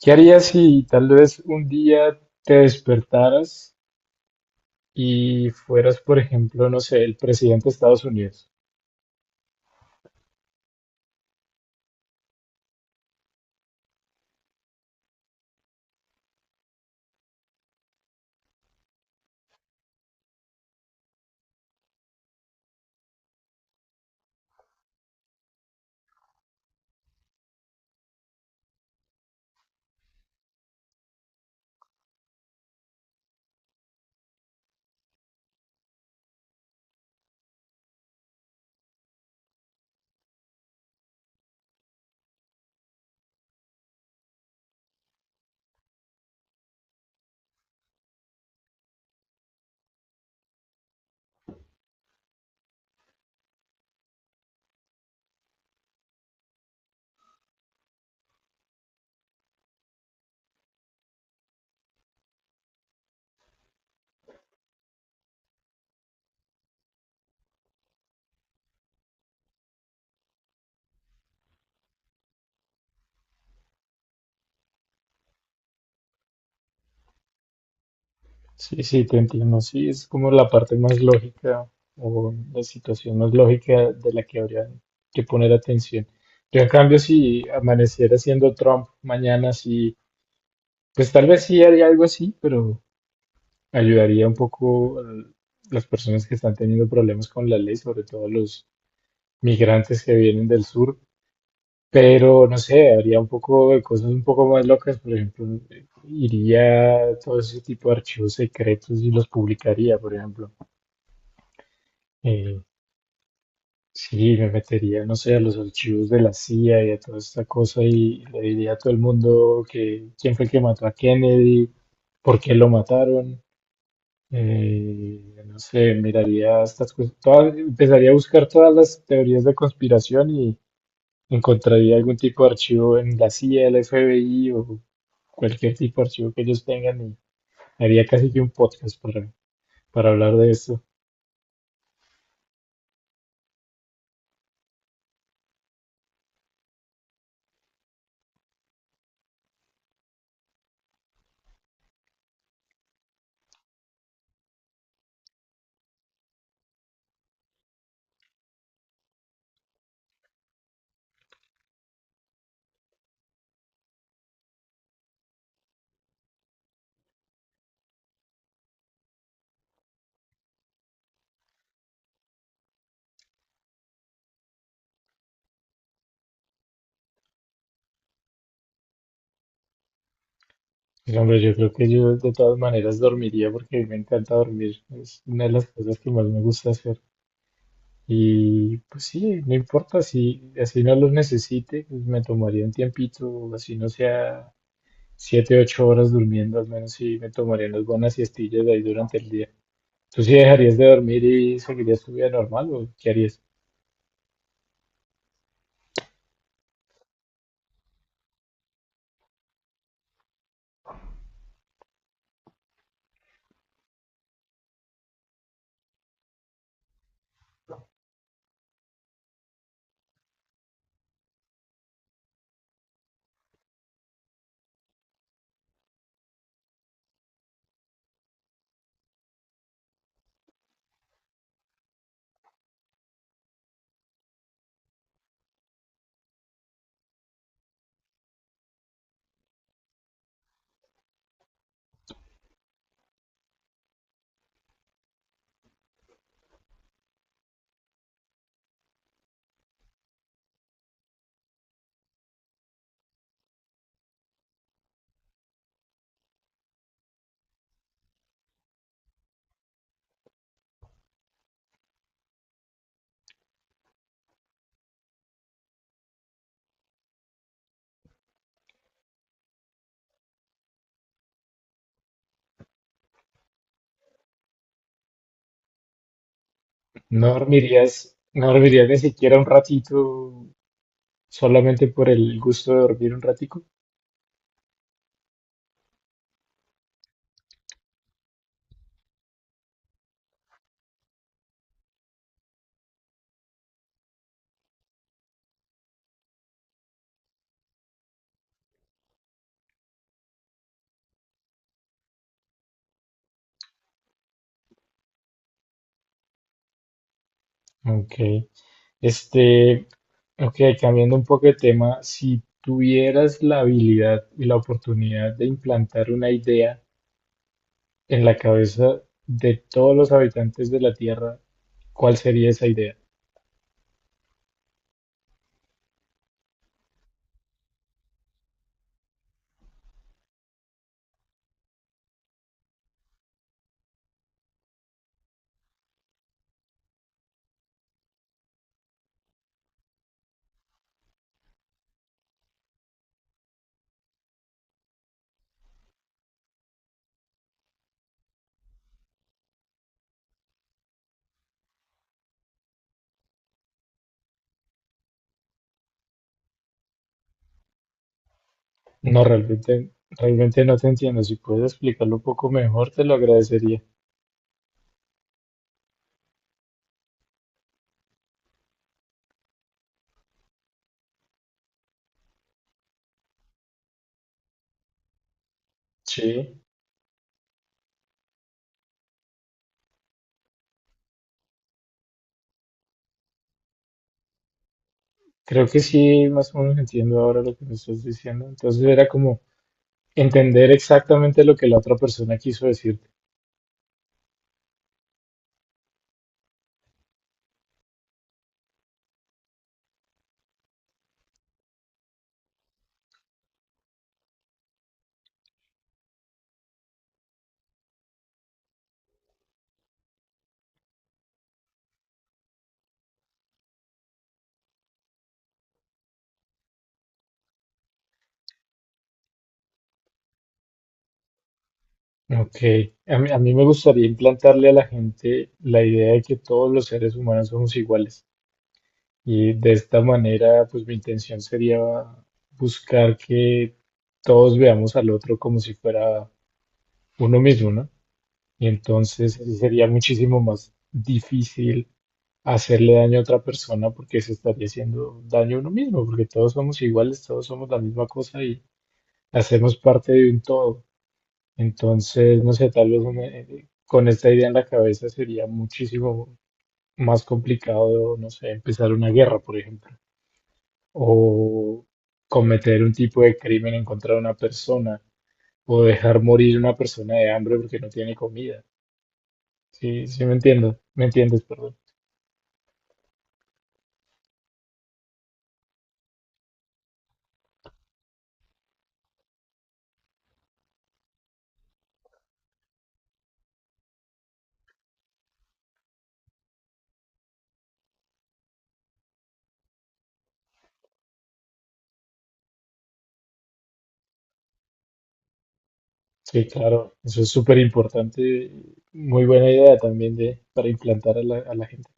¿Qué harías si tal vez un día te despertaras y fueras, por ejemplo, no sé, el presidente de Estados Unidos? Sí, sí, te entiendo. Sí, es como la parte más lógica o la situación más lógica de la que habría que poner atención. Yo, en cambio, si amaneciera siendo Trump mañana, sí, pues tal vez sí haría algo así, pero ayudaría un poco a las personas que están teniendo problemas con la ley, sobre todo a los migrantes que vienen del sur. Pero no sé, haría un poco de cosas un poco más locas, por ejemplo, iría a todo ese tipo de archivos secretos y los publicaría, por ejemplo. Eh, sí, me metería, no sé, a los archivos de la CIA y a toda esta cosa y le diría a todo el mundo que quién fue el que mató a Kennedy, por qué lo mataron. No sé, miraría estas cosas, empezaría a buscar todas las teorías de conspiración y encontraría algún tipo de archivo en la CIA, el FBI o cualquier tipo de archivo que ellos tengan y haría casi que un podcast para hablar de esto. Pero, hombre, yo creo que yo de todas maneras dormiría porque me encanta dormir. Es una de las cosas que más me gusta hacer. Y pues sí, no importa si así no los necesite, pues, me tomaría un tiempito, así no sea siete, ocho horas durmiendo, al menos sí me tomaría unas buenas siestillas de ahí durante el día. ¿Tú sí dejarías de dormir y seguirías tu vida normal o qué harías? ¿No dormirías, no dormirías ni siquiera un ratito solamente por el gusto de dormir un ratico? Ok. Este, ok, cambiando un poco de tema, si tuvieras la habilidad y la oportunidad de implantar una idea en la cabeza de todos los habitantes de la Tierra, ¿cuál sería esa idea? No, realmente, realmente no te entiendo. Si puedes explicarlo un poco mejor, te lo agradecería. Sí, creo que sí, más o menos entiendo ahora lo que me estás diciendo. Entonces era como entender exactamente lo que la otra persona quiso decirte. Ok, a mí me gustaría implantarle a la gente la idea de que todos los seres humanos somos iguales. Y de esta manera, pues mi intención sería buscar que todos veamos al otro como si fuera uno mismo, ¿no? Y entonces sí sería muchísimo más difícil hacerle daño a otra persona porque se estaría haciendo daño a uno mismo, porque todos somos iguales, todos somos la misma cosa y hacemos parte de un todo. Entonces, no sé, tal vez con esta idea en la cabeza sería muchísimo más complicado, no sé, empezar una guerra, por ejemplo, o cometer un tipo de crimen en contra de una persona, o dejar morir una persona de hambre porque no tiene comida. Sí, sí me entiendo, me entiendes, perdón. Sí, claro, eso es súper importante. Muy buena idea también de, para implantar a la gente.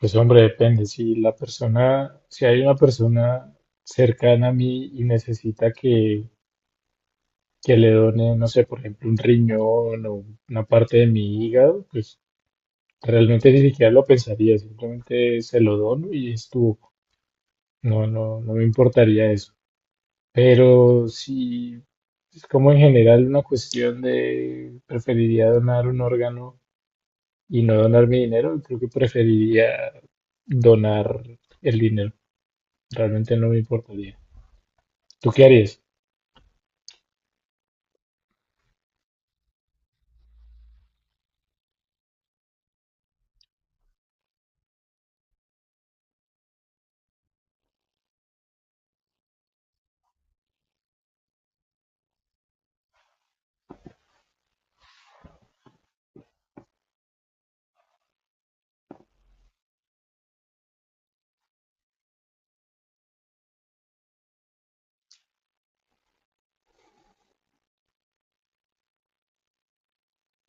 Pues hombre, depende. Si la persona, si hay una persona cercana a mí y necesita que le done, no sé, por ejemplo, un riñón o una parte de mi hígado, pues realmente ni siquiera lo pensaría, simplemente se lo dono y estuvo. No, no, no me importaría eso. Pero si es como en general una cuestión de preferiría donar un órgano y no donar mi dinero, creo que preferiría donar el dinero. Realmente no me importaría. ¿Tú qué harías?